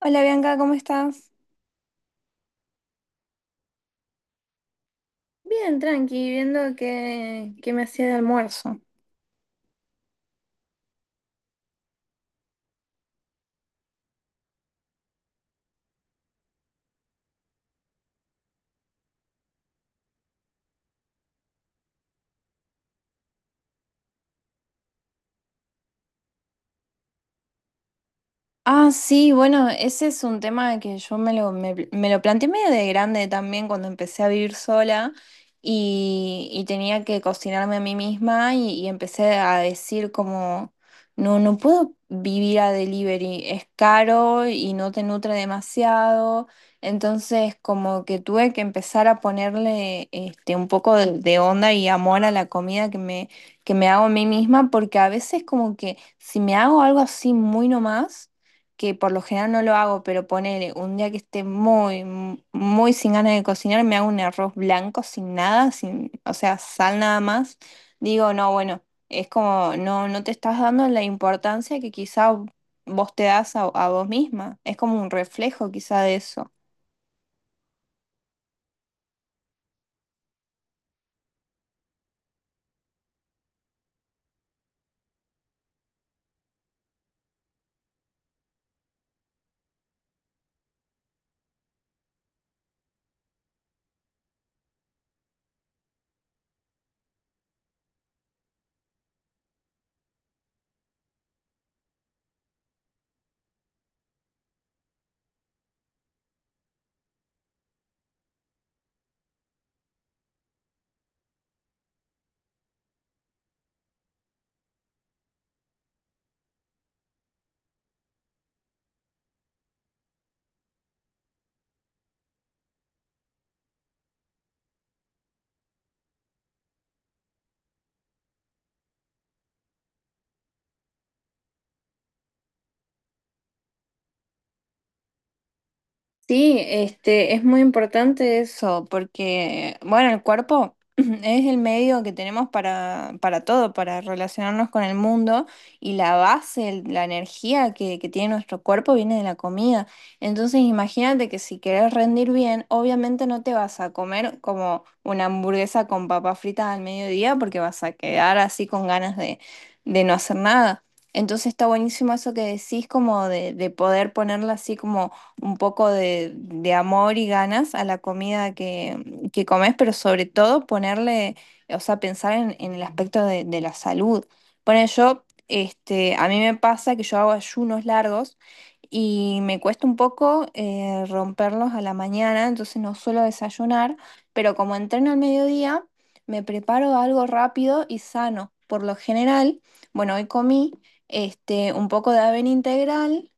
Hola Bianca, ¿cómo estás? Bien, tranqui, viendo qué me hacía de almuerzo. Ah, sí, bueno, ese es un tema que yo me lo planteé medio de grande también cuando empecé a vivir sola y tenía que cocinarme a mí misma y empecé a decir como, no, no puedo vivir a delivery, es caro y no te nutre demasiado. Entonces, como que tuve que empezar a ponerle este, un poco de onda y amor a la comida que me hago a mí misma, porque a veces como que si me hago algo así muy nomás, que por lo general no lo hago. Pero ponele un día que esté muy sin ganas de cocinar, me hago un arroz blanco sin nada, sin, o sea, sal nada más. Digo, no, bueno, es como, no, no te estás dando la importancia que quizá vos te das a, vos misma. Es como un reflejo quizá de eso. Sí, este, es muy importante eso, porque, bueno, el cuerpo es el medio que tenemos para todo, para relacionarnos con el mundo y la base, la energía que tiene nuestro cuerpo viene de la comida. Entonces, imagínate que si querés rendir bien, obviamente no te vas a comer como una hamburguesa con papas fritas al mediodía, porque vas a quedar así con ganas de, no hacer nada. Entonces está buenísimo eso que decís, como de, poder ponerla así como un poco de amor y ganas a la comida que comes, pero sobre todo ponerle, o sea, pensar en, el aspecto de la salud. Bueno, yo, este, a mí me pasa que yo hago ayunos largos y me cuesta un poco romperlos a la mañana, entonces no suelo desayunar, pero como entreno al mediodía, me preparo algo rápido y sano. Por lo general, bueno, hoy comí este, un poco de avena integral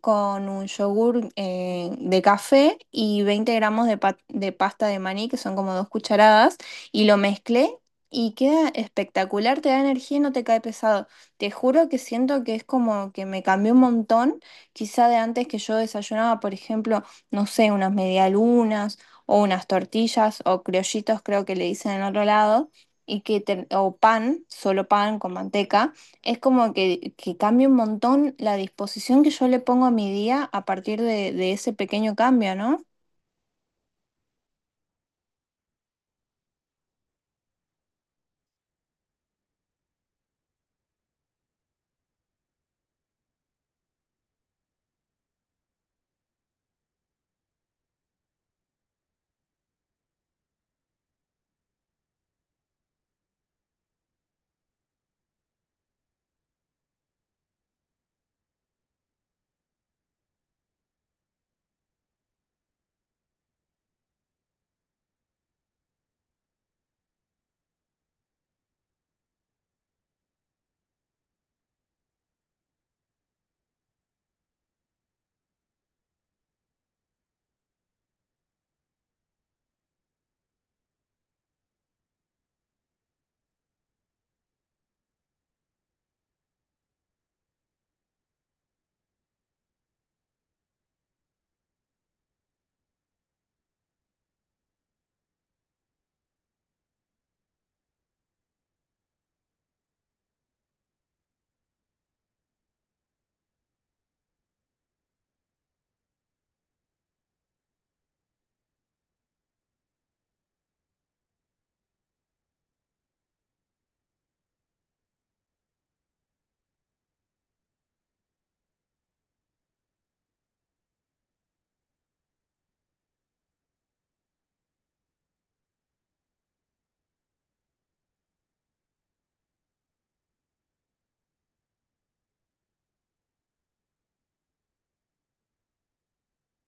con un yogur de café y 20 g de pasta de maní, que son como 2 cucharadas, y lo mezclé y queda espectacular, te da energía y no te cae pesado. Te juro que siento que es como que me cambió un montón, quizá de antes que yo desayunaba, por ejemplo, no sé, unas medialunas o unas tortillas o criollitos, creo que le dicen en otro lado. O pan, solo pan con manteca. Es como que cambia un montón la disposición que yo le pongo a mi día a partir de ese pequeño cambio, ¿no?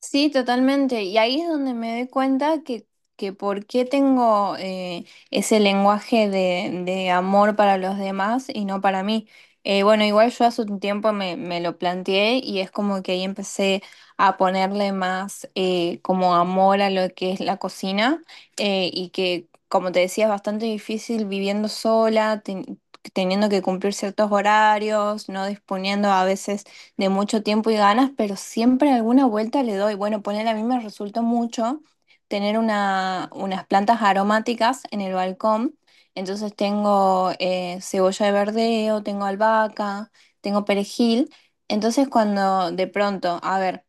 Sí, totalmente. Y ahí es donde me doy cuenta que, por qué tengo ese lenguaje de amor para los demás y no para mí. Bueno, igual yo hace un tiempo me lo planteé y es como que ahí empecé a ponerle más como amor a lo que es la cocina y que, como te decía, es bastante difícil viviendo sola, teniendo que cumplir ciertos horarios, no disponiendo a veces de mucho tiempo y ganas, pero siempre alguna vuelta le doy. Bueno, poner, a mí me resultó mucho tener unas plantas aromáticas en el balcón. Entonces tengo cebolla de verdeo, tengo albahaca, tengo perejil. Entonces cuando de pronto, a ver,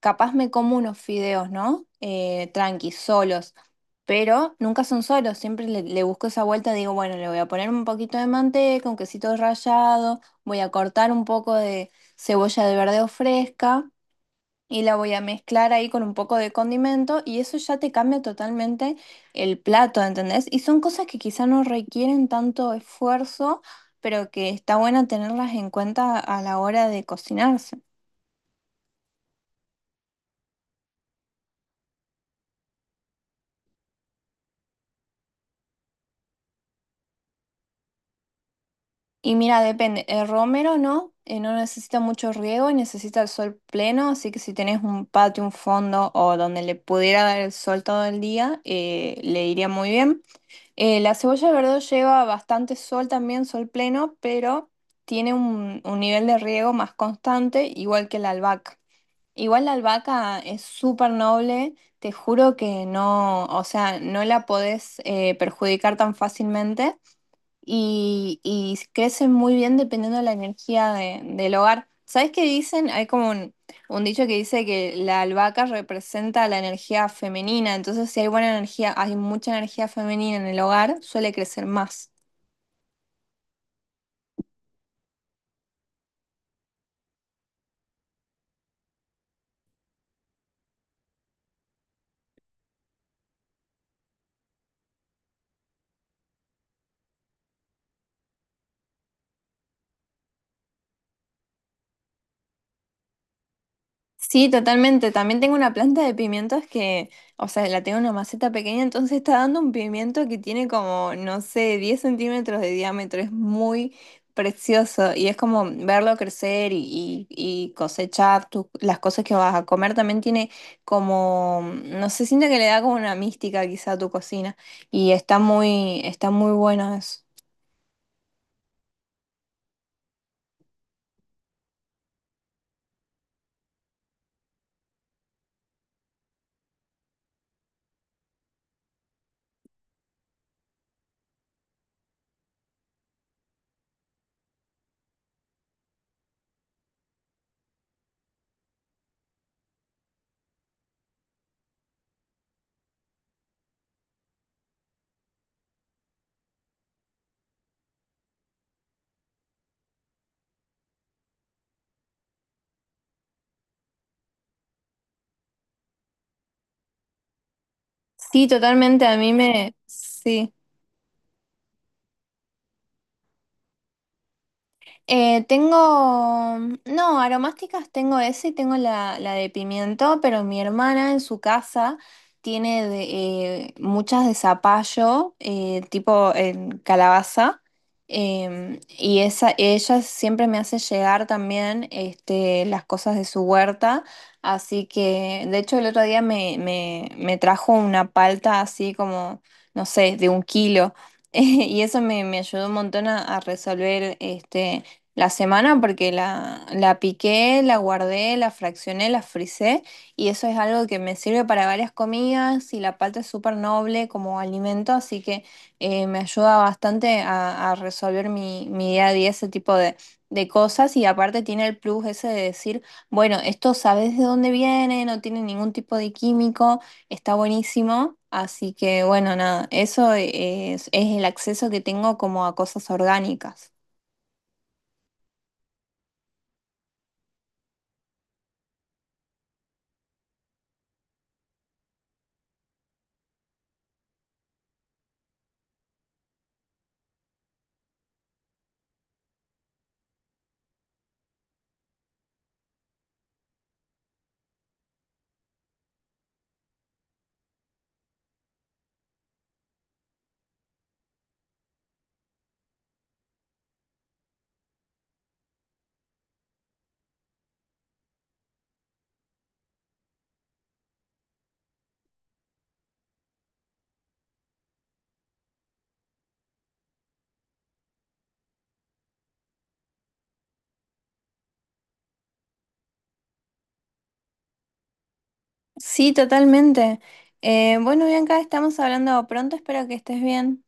capaz me como unos fideos, ¿no? Tranquis, solos. Pero nunca son solos, siempre le busco esa vuelta. Digo, bueno, le voy a poner un poquito de manteca, un quesito rallado, voy a cortar un poco de cebolla de verdeo fresca y la voy a mezclar ahí con un poco de condimento y eso ya te cambia totalmente el plato, ¿entendés? Y son cosas que quizá no requieren tanto esfuerzo, pero que está bueno tenerlas en cuenta a la hora de cocinarse. Y mira, depende. El romero no, no necesita mucho riego y necesita el sol pleno, así que si tenés un patio, un fondo o donde le pudiera dar el sol todo el día, le iría muy bien. La cebolla de verdeo lleva bastante sol también, sol pleno, pero tiene un, nivel de riego más constante, igual que la albahaca. Igual la albahaca es súper noble, te juro que no, o sea, no la podés perjudicar tan fácilmente y crecen muy bien dependiendo de la energía del hogar. ¿Sabes qué dicen? Hay como un dicho que dice que la albahaca representa la energía femenina, entonces si hay buena energía, hay mucha energía femenina en el hogar, suele crecer más. Sí, totalmente. También tengo una planta de pimientos que, o sea, la tengo en una maceta pequeña, entonces está dando un pimiento que tiene como, no sé, 10 cm de diámetro. Es muy precioso y es como verlo crecer y cosechar las cosas que vas a comer. También tiene como, no sé, siento que le da como una mística quizá a tu cocina y está muy bueno eso. Sí, totalmente. Sí. Eh, tengo, no, aromásticas tengo ese y tengo la de pimiento, pero mi hermana en su casa tiene muchas de zapallo, tipo en calabaza, y esa, ella siempre me hace llegar también este, las cosas de su huerta, así que de hecho el otro día me trajo una palta así como, no sé, de 1 kilo, y eso me, me ayudó un montón a resolver este la semana, porque la piqué, la guardé, la fraccioné, la frisé y eso es algo que me sirve para varias comidas, y la palta es súper noble como alimento, así que me ayuda bastante a resolver mi día a día ese tipo de cosas. Y aparte tiene el plus ese de decir, bueno, esto sabes de dónde viene, no tiene ningún tipo de químico, está buenísimo, así que bueno, nada, eso es el acceso que tengo como a cosas orgánicas. Sí, totalmente. Bueno, Bianca, estamos hablando pronto, espero que estés bien.